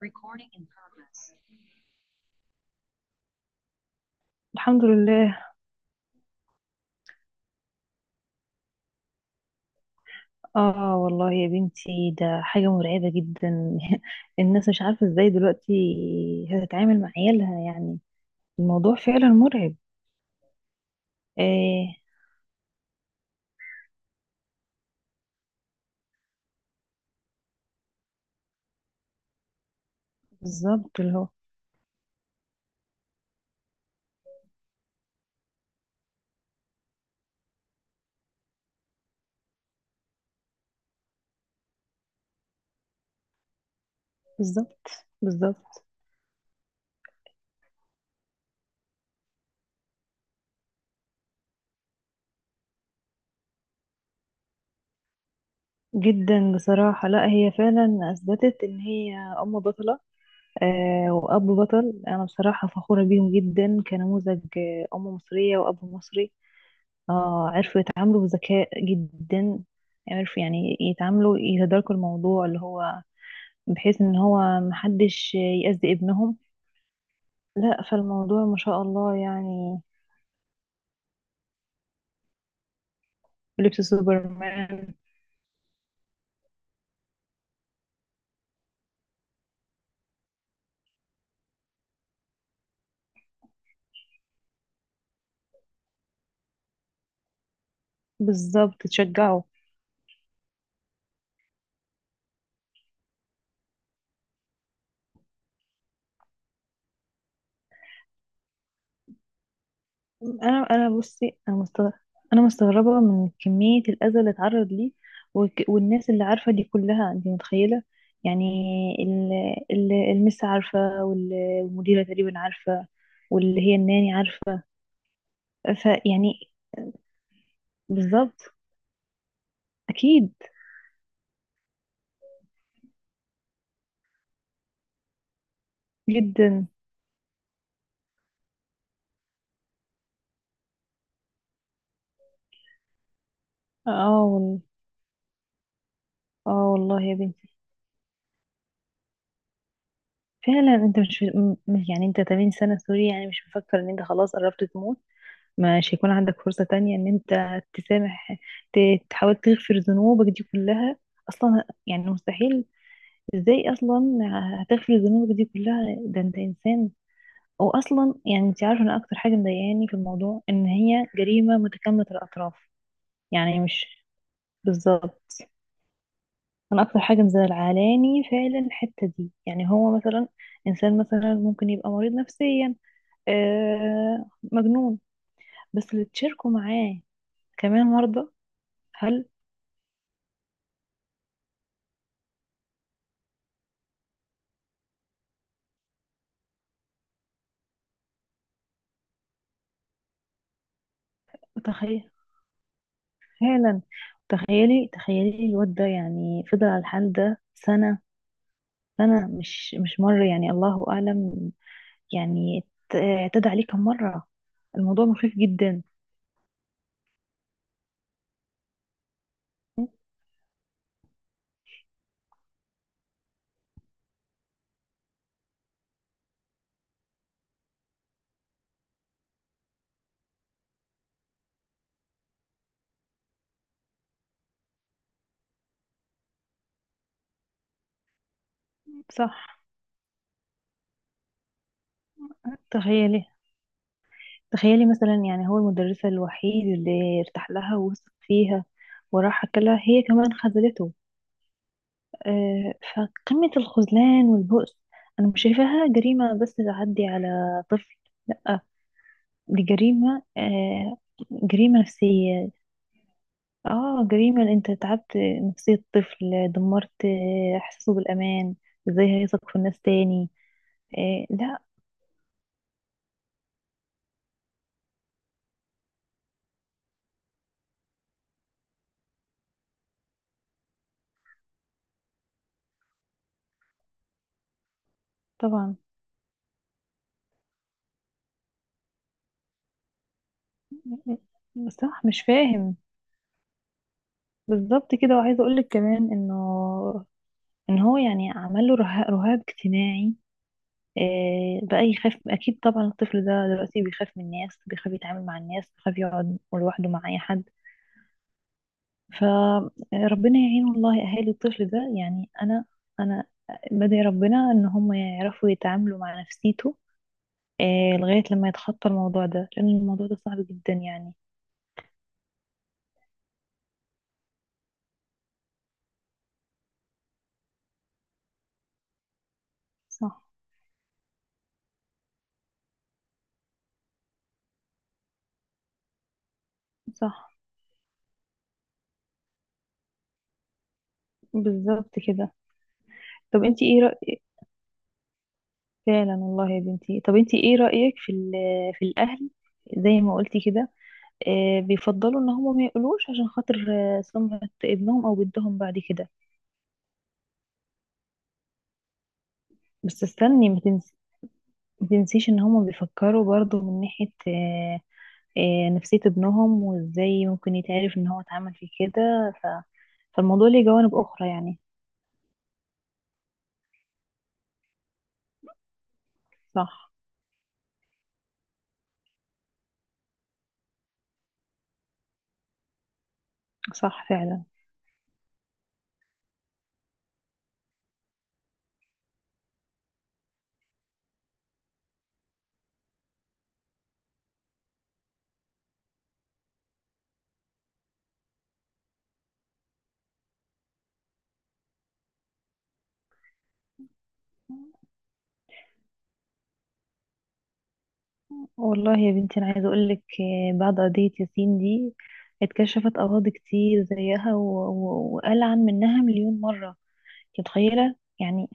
Recording in progress. الحمد لله. اه والله يا بنتي ده حاجة مرعبة جدا. الناس مش عارفة ازاي دلوقتي هتتعامل مع عيالها يعني. الموضوع فعلا مرعب. آه بالظبط اللي هو. بالظبط. بالظبط جدا بصراحة. لا هي فعلا أثبتت إن هي أم بطلة. وأب بطل، أنا بصراحة فخورة بيهم جدا كنموذج، أم مصرية وأب مصري. اه عرفوا يتعاملوا بذكاء جدا. عرفوا يعني يتعاملوا، يتداركوا الموضوع اللي هو، بحيث ان هو محدش يأذي ابنهم. لا فالموضوع ما شاء الله يعني. لبس سوبرمان. بالظبط تشجعه. انا بصي انا مستغربة. انا مستغربة من كمية الأذى اللي اتعرض ليه، والناس اللي عارفة دي كلها، انت متخيلة يعني. ال- المس عارفة والمديرة تقريبا عارفة، واللي هي الناني عارفة. فيعني بالظبط. اكيد جدا. اه وال- اه والله يا بنتي. فعلا انت مش م- يعني انت 80 سنة سوري، يعني مش مفكر ان انت خلاص قربت تموت، مش هيكون عندك فرصة تانية ان انت تسامح، تحاول تغفر ذنوبك دي كلها. اصلا يعني مستحيل. ازاي اصلا هتغفر ذنوبك دي كلها، ده انت انسان. او اصلا يعني انت عارفة، انا اكتر حاجة مضايقاني في الموضوع ان هي جريمة متكاملة الاطراف. يعني مش. بالظبط. انا اكتر حاجه مزعلاني فعلا الحته دي. يعني هو مثلا انسان مثلا ممكن يبقى مريض نفسيا، آه مجنون، بس اللي تشاركوا معاه كمان مرضى. هل. تخيل فعلا. تخيلي تخيلي الواد ده يعني فضل على الحال ده سنه. سنه مش مره، يعني الله اعلم يعني، اعتدى عليه كم مره. الموضوع مخيف جدا. صح. تخيلي تخيلي مثلا، يعني هو المدرسة الوحيد اللي ارتاح لها ووثق فيها وراح لها، هي كمان خذلته. فقمة الخذلان والبؤس. أنا مش شايفاها جريمة بس تعدي على طفل، لأ دي جريمة، جريمة نفسية. اه جريمة إن انت تعبت نفسية طفل، دمرت إحساسه بالأمان. ازاي هيثق في الناس تاني؟ لا. طبعا. صح مش فاهم. بالظبط كده. وعايزة أقولك كمان إنه ان هو يعني عمل له رهاب اجتماعي. بقى يخاف، اكيد طبعا الطفل ده دلوقتي بيخاف من الناس، بيخاف يتعامل مع الناس، بيخاف يقعد لوحده مع اي حد. فربنا يعين والله اهالي الطفل ده يعني. انا بدعي ربنا ان هم يعرفوا يتعاملوا مع نفسيته، لغاية لما يتخطى الموضوع ده، لان الموضوع ده صعب جدا يعني. صح. صح. بالظبط كده. طب انتي ايه رأيك. فعلا والله يا بنتي، طب انتي ايه رأيك في في الاهل، زي ما قلتي كده، بيفضلوا ان هم ما يقولوش عشان خاطر سمعة ابنهم او بنتهم بعد كده. بس استني ما تنسيش ان هم بيفكروا برضو من ناحية، نفسية ابنهم وازاي ممكن يتعرف ان هو اتعمل في كده ف... فالموضوع ليه جوانب اخرى يعني. صح. صح. فعلا والله يا بنتي انا عايزة اقولك، بعد قضية ياسين دي اتكشفت اراضي كتير زيها، وقال عن منها مليون مرة. انت متخيلة يعني.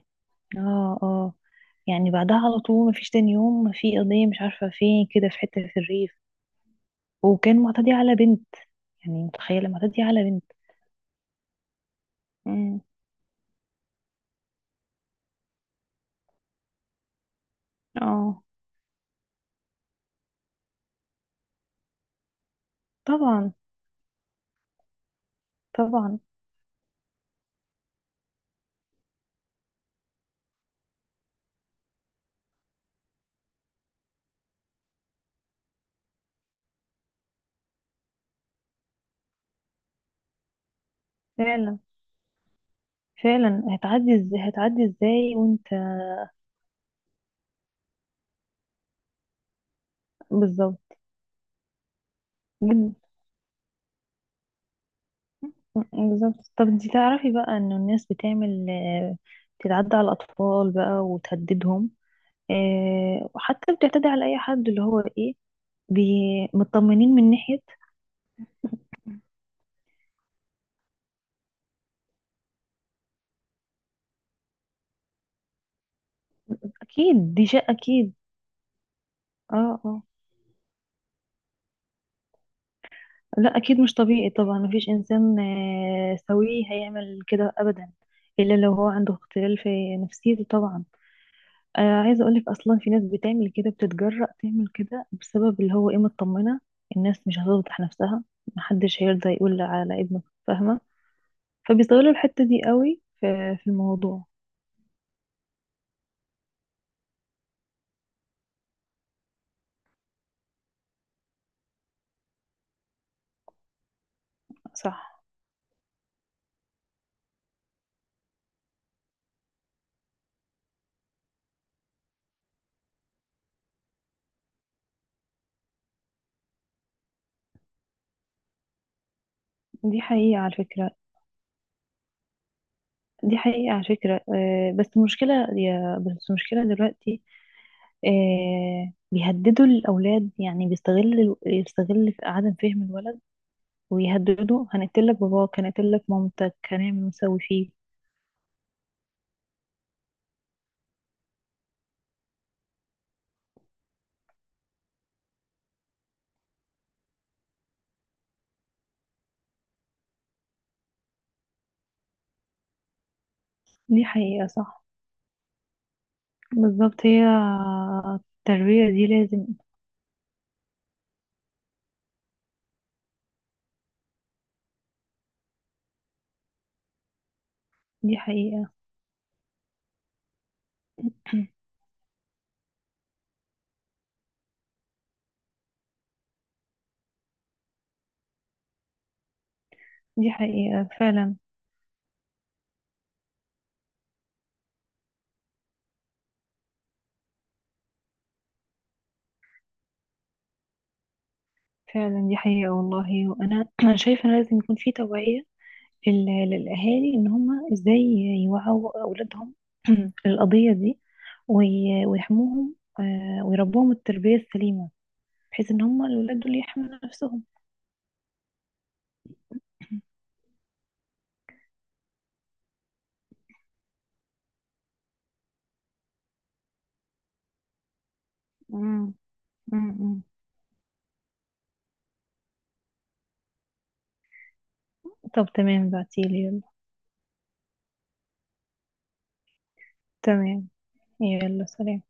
اه يعني بعدها على طول مفيش تاني يوم في قضية، مش عارفة فين كده في حتة في الريف، وكان معتدي على بنت، يعني متخيلة معتدي على بنت. امم. اه. طبعا. طبعا. فعلا. فعلا هتعدي ازاي، هتعدي ازاي وانت. بالظبط. جد- بالظبط. طب دي تعرفي بقى انه الناس بتعمل، بتتعدى على الاطفال بقى وتهددهم، وحتى بتعتدي على اي حد اللي هو ايه، مطمنين من ناحية. اكيد دي شيء اكيد. اه. لا اكيد مش طبيعي طبعا، مفيش انسان سوي هيعمل كده ابدا، الا لو هو عنده اختلال في نفسيته طبعا. عايزه اقولك اصلا في ناس بتعمل كده، بتتجرأ تعمل كده بسبب اللي هو ايه، مطمنه الناس مش هتفضح نفسها، محدش هيرضى يقول على ابنه، فاهمه؟ فبيستغلوا الحته دي قوي في الموضوع. صح. دي حقيقه على فكره. دي حقيقه على فكره. آه بس المشكله يا بس المشكله دلوقتي، بيهددوا الأولاد، يعني بيستغل يستغل في عدم فهم الولد، ويهددوا هنقتلك باباك، هنقتلك مامتك، هنعمل ونسوي فيه. دي حقيقة صح. بالظبط، هي التربية دي لازم. دي حقيقة. دي حقيقة فعلا. فعلا دي حقيقة والله. وأنا أنا شايفة إن لازم يكون في توعية للأهالي، إن هما إزاي يوعوا أولادهم، القضية دي ويحموهم ويربوهم التربية السليمة، بحيث ان هم الولاد دول يحموا نفسهم. مم. مم. مم. طب تمام، بعتيلي يلا. تمام. يلا سلام.